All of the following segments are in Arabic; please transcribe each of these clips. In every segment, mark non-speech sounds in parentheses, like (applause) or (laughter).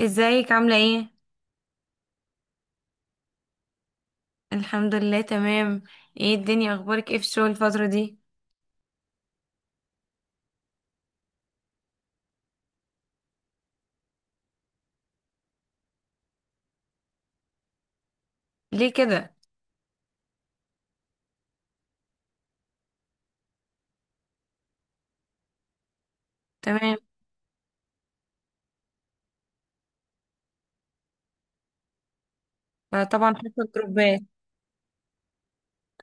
ازيك عاملة ايه؟ الحمد لله تمام. ايه الدنيا اخبارك ايه في الشغل الفترة دي؟ ليه كده؟ تمام. فطبعا حصل جروبات.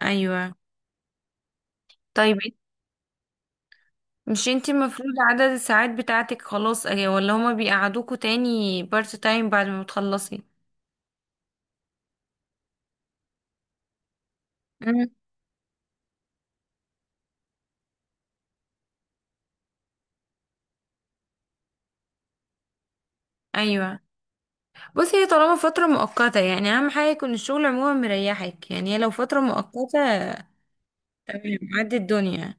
ايوه. طيب إيه؟ مش انتي المفروض عدد الساعات بتاعتك خلاص ايه، ولا هما بيقعدوكوا تاني بارت تايم بعد ما بتخلصي؟ مم. ايوه. بصي، هي طالما فترة مؤقتة يعني اهم حاجة يكون الشغل عموما مريحك، يعني هي لو فترة مؤقتة تمام عدي الدنيا.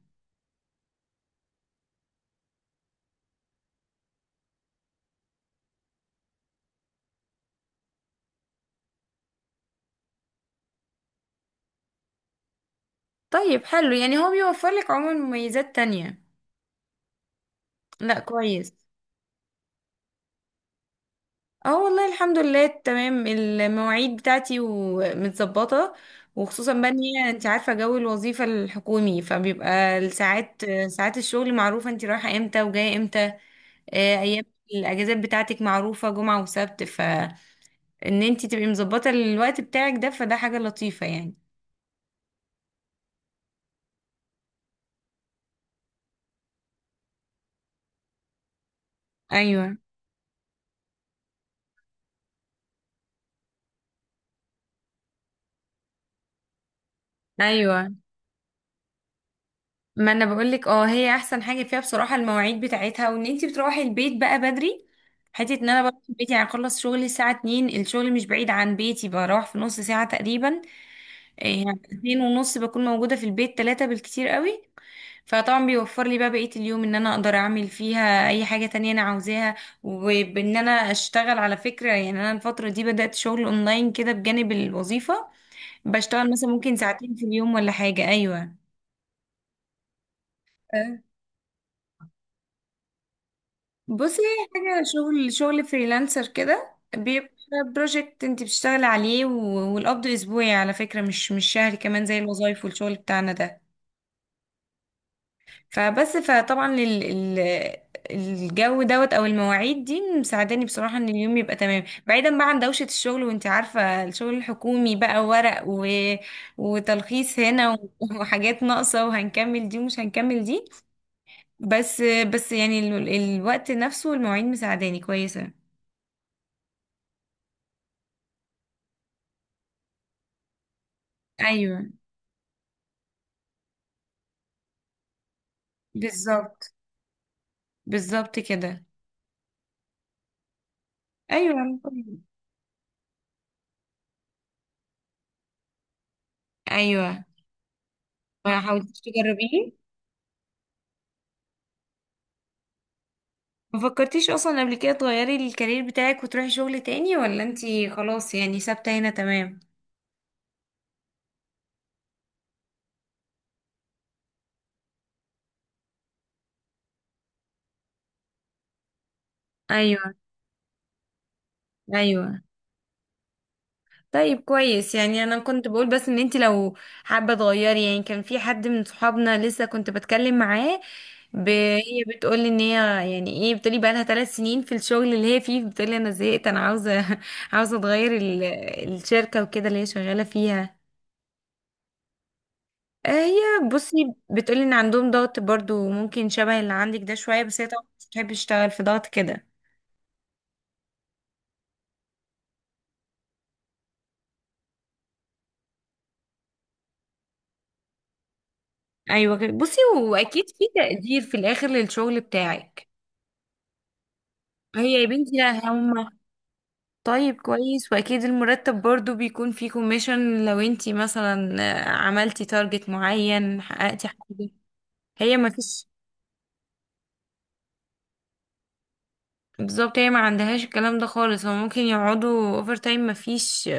طيب حلو، يعني هو بيوفر لك عموما مميزات تانية. لا كويس. اه والله الحمد لله تمام، المواعيد بتاعتي ومتظبطة، وخصوصا بقى ان هي انت عارفة جو الوظيفة الحكومي فبيبقى الساعات ساعات الشغل معروفة، انت رايحة امتى وجاية امتى. ايام الاجازات بتاعتك معروفة جمعة وسبت، فان انت تبقي مظبطة الوقت بتاعك ده فده حاجة لطيفة يعني. ايوه. ايوه، ما انا بقولك اه هي احسن حاجه فيها بصراحه المواعيد بتاعتها، وان انتي بتروحي البيت بقى بدري. حته ان انا بروح بيتي، يعني اخلص شغلي الساعه 2، الشغل مش بعيد عن بيتي، بروح في نص ساعه تقريبا. إيه، يعني اتنين ونص بكون موجوده في البيت، تلاتة بالكتير قوي. فطبعا بيوفر لي بقى بقيه اليوم ان انا اقدر اعمل فيها اي حاجه تانية انا عاوزاها، وبان انا اشتغل على فكره. يعني انا الفتره دي بدات شغل اونلاين كده بجانب الوظيفه، بشتغل مثلا ممكن ساعتين في اليوم ولا حاجه. ايوه. بصي، هي حاجة شغل شغل فريلانسر كده، بيبقى بروجكت انت بتشتغلي عليه والقبض اسبوعي على فكرة، مش شهري كمان زي الوظايف والشغل بتاعنا ده. فبس فطبعا ال ال الجو دوت او المواعيد دي مساعداني بصراحة، ان اليوم يبقى تمام بعيدا بقى عن دوشة الشغل. وانت عارفة الشغل الحكومي بقى ورق وتلخيص هنا (laughs) وحاجات ناقصة، وهنكمل دي ومش هنكمل دي. بس بس يعني الوقت نفسه والمواعيد مساعداني كويسة. ايوه. بالظبط. بالظبط كده. ايوه. ايوه. ما حاولتيش تجربيه؟ ما فكرتيش اصلا قبل كده تغيري الكارير بتاعك وتروحي شغل تاني، ولا انتي خلاص يعني ثابته هنا تمام؟ ايوه. ايوه. طيب كويس، يعني انا كنت بقول بس ان انتي لو حابه تغيري، يعني كان في حد من صحابنا لسه كنت بتكلم معاه. هي بتقولي ان هي يعني ايه، بتقولي بقى لها 3 سنين في الشغل اللي هي فيه، بتقولي انا زهقت، انا عاوزه (laughs) عاوزه اتغير الشركه وكده اللي هي شغاله فيها. هي بصي بتقولي ان عندهم ضغط برضو ممكن شبه اللي عندك ده شوية، بس هي طبعا مش بتحب تشتغل في ضغط كده. ايوه كده. بصي، واكيد في تقدير في الاخر للشغل بتاعك. هي يا بنتي لا هما. طيب كويس، واكيد المرتب برضو بيكون فيه كوميشن لو انتي مثلا عملتي تارجت معين حققتي حاجة. هي ما فيش. بالظبط، هي ما عندهاش الكلام ده خالص، هو ممكن يقعدوا اوفر تايم ما فيش،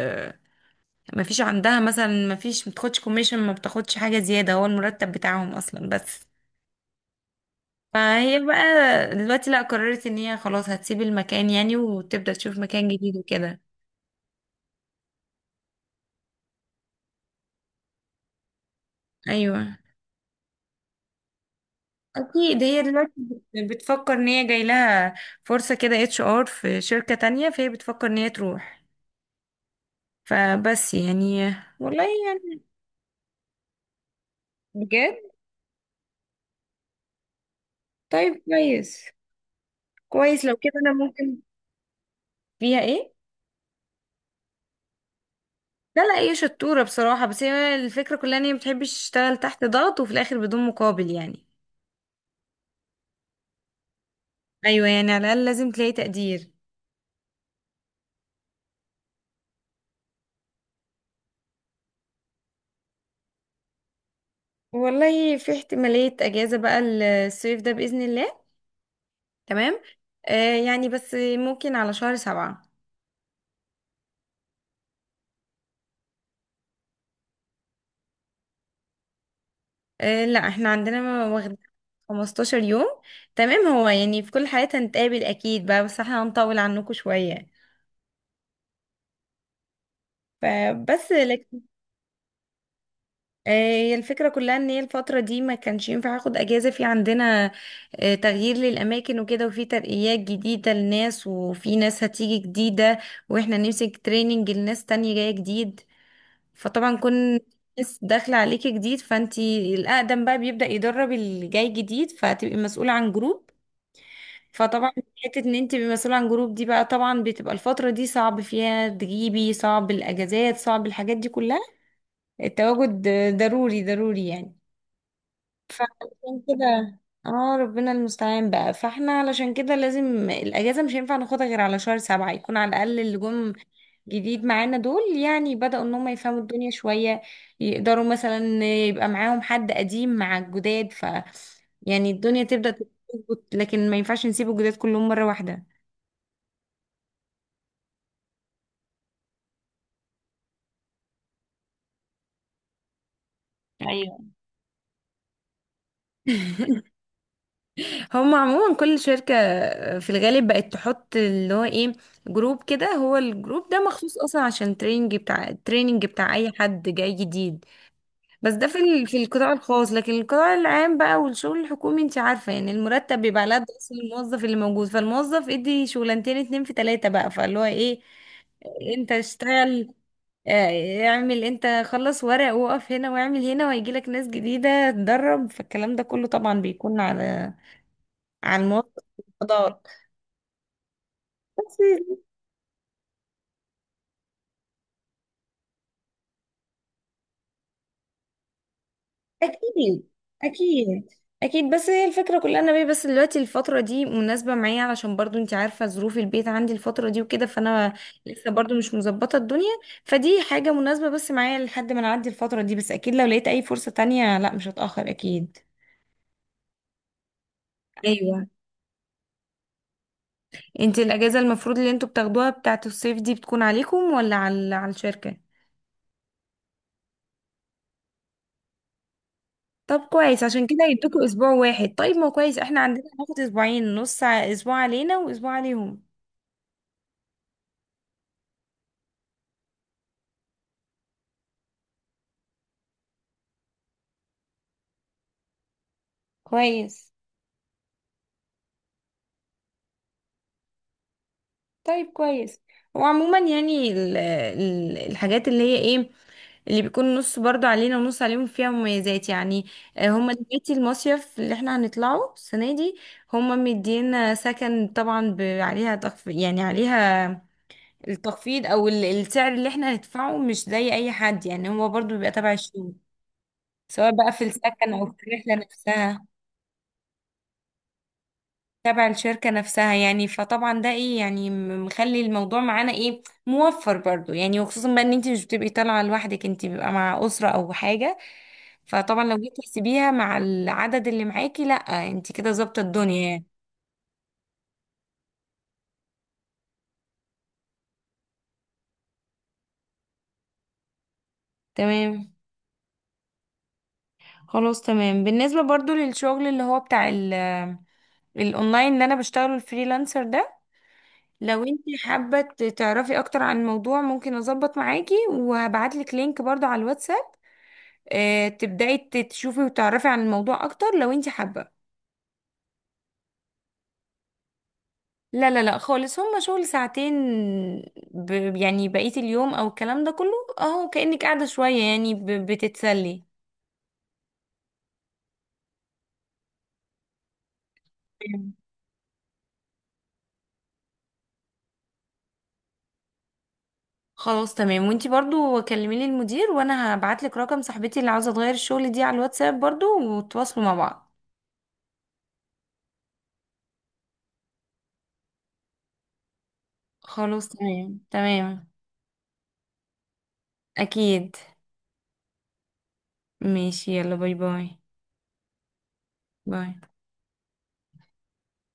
ما فيش عندها مثلا، ما فيش، ما بتاخدش كوميشن، ما بتاخدش حاجة زيادة، هو المرتب بتاعهم اصلا بس. فهي بقى دلوقتي لا، قررت ان هي خلاص هتسيب المكان يعني، وتبدأ تشوف مكان جديد وكده. ايوه. اكيد هي دلوقتي بتفكر ان هي جاي لها فرصة كده، HR في شركة تانية، فهي بتفكر ان هي تروح. فبس يعني والله يعني. بجد. طيب كويس. كويس لو كده انا ممكن. فيها ايه؟ لا، لا هي شطورة بصراحة، بس هي الفكرة كلها ان هي مبتحبش تشتغل تحت ضغط وفي الاخر بدون مقابل يعني. ايوه، يعني على الاقل لازم تلاقي تقدير. والله في احتمالية اجازة بقى، الصيف ده بإذن الله. تمام. يعني بس ممكن على شهر سبعة. آه لا، احنا عندنا واخدين 15 يوم. تمام، هو يعني في كل حالات هنتقابل اكيد بقى، بس احنا هنطول عنكم شوية فبس لكن. هي الفكرة كلها ان هي الفترة دي ما كانش ينفع اخد اجازة، في عندنا تغيير للاماكن وكده، وفي ترقيات جديدة لناس، وفي ناس هتيجي جديدة، واحنا نمسك تريننج لناس تانية جاية جديد. فطبعا كون ناس داخلة عليكي جديد، فانتي الاقدم بقى بيبدأ يدرب اللي جاي جديد، فهتبقي مسؤولة عن جروب. فطبعا حتة ان انت تبقي مسؤولة عن جروب دي بقى طبعا بتبقى الفترة دي صعب فيها تجيبي، صعب الاجازات، صعب الحاجات دي كلها. التواجد ضروري ضروري يعني. فعشان كده اه ربنا المستعان بقى، فاحنا علشان كده لازم الاجازه مش هينفع ناخدها غير على شهر سبعة، يكون على الاقل اللي جم جديد معانا دول يعني بدأوا ان هم يفهموا الدنيا شويه، يقدروا مثلا يبقى معاهم حد قديم مع الجداد ف يعني الدنيا تبدأ تظبط، لكن ما ينفعش نسيب الجداد كلهم مره واحده. ايوه. هم عموما كل شركة في الغالب بقت تحط اللي هو ايه، جروب كده، هو الجروب ده مخصوص اصلا عشان التريننج بتاع اي حد جاي جديد. بس ده في القطاع الخاص، لكن القطاع العام بقى والشغل الحكومي انت عارفة، يعني المرتب بيبقى على قد اصلا الموظف اللي موجود، فالموظف ادي شغلانتين اتنين في تلاتة بقى، فاللي هو ايه انت اشتغل، اه، اعمل انت خلص ورق، وقف هنا واعمل هنا، وهيجيلك ناس جديدة تدرب، فالكلام ده كله طبعا بيكون على عن موافقة القضاء بس. أكيد. أكيد. أكيد، بس هي الفكرة كلها ان أنا بيه، بس دلوقتي الفترة دي مناسبة معايا علشان برضو أنت عارفة ظروف البيت عندي الفترة دي وكده، فأنا لسه برضو مش مظبطة الدنيا. فدي حاجة مناسبة بس معايا لحد ما نعدي الفترة دي، بس أكيد لو لقيت أي فرصة تانية لا مش هتأخر أكيد. أيوة. أنت الأجازة المفروض اللي أنتوا بتاخدوها بتاعة الصيف دي بتكون عليكم ولا على الشركة؟ طب كويس، عشان كده يدوكوا اسبوع واحد. طيب ما هو كويس، احنا عندنا هناخد اسبوعين نص، اسبوع علينا واسبوع عليهم. كويس. طيب كويس. وعموما يعني ال ال الحاجات اللي هي ايه، اللي بيكون نص برضو علينا ونص عليهم فيها مميزات يعني. هما دلوقتي المصيف اللي احنا هنطلعه السنة دي، هما مدينا سكن طبعا عليها تخفيض، يعني عليها التخفيض او السعر اللي احنا هندفعه مش زي اي حد، يعني هو برضو بيبقى تبع الشغل، سواء بقى في السكن أو في الرحلة نفسها، تبع الشركة نفسها يعني. فطبعا ده ايه يعني مخلي الموضوع معانا ايه موفر برضو يعني، وخصوصا بقى ان انت مش بتبقي طالعة لوحدك، انت بيبقى مع أسرة أو حاجة. فطبعا لو جيتي تحسبيها مع العدد اللي معاكي، لا انت كده ظابطة الدنيا يعني. تمام. خلاص تمام، بالنسبة برضو للشغل اللي هو بتاع الاونلاين اللي انا بشتغله الفريلانسر ده، لو انت حابة تعرفي اكتر عن الموضوع ممكن اظبط معاكي، وهبعتلك لينك برضو على الواتس. تبدأي تشوفي وتعرفي عن الموضوع أكتر لو انت حابة. لا، لا، لا خالص، هما شغل ساعتين. ب... يعني بقية اليوم أو الكلام ده كله أهو كأنك قاعدة شوية، يعني بتتسلي. تمام. خلاص تمام، وانتي برضو كلميلي المدير، وانا هبعتلك رقم صاحبتي اللي عاوزة تغير الشغل دي على الواتساب برضو، وتواصلوا مع بعض. خلاص تمام تمام. أكيد. ماشي يلا باي باي. باي.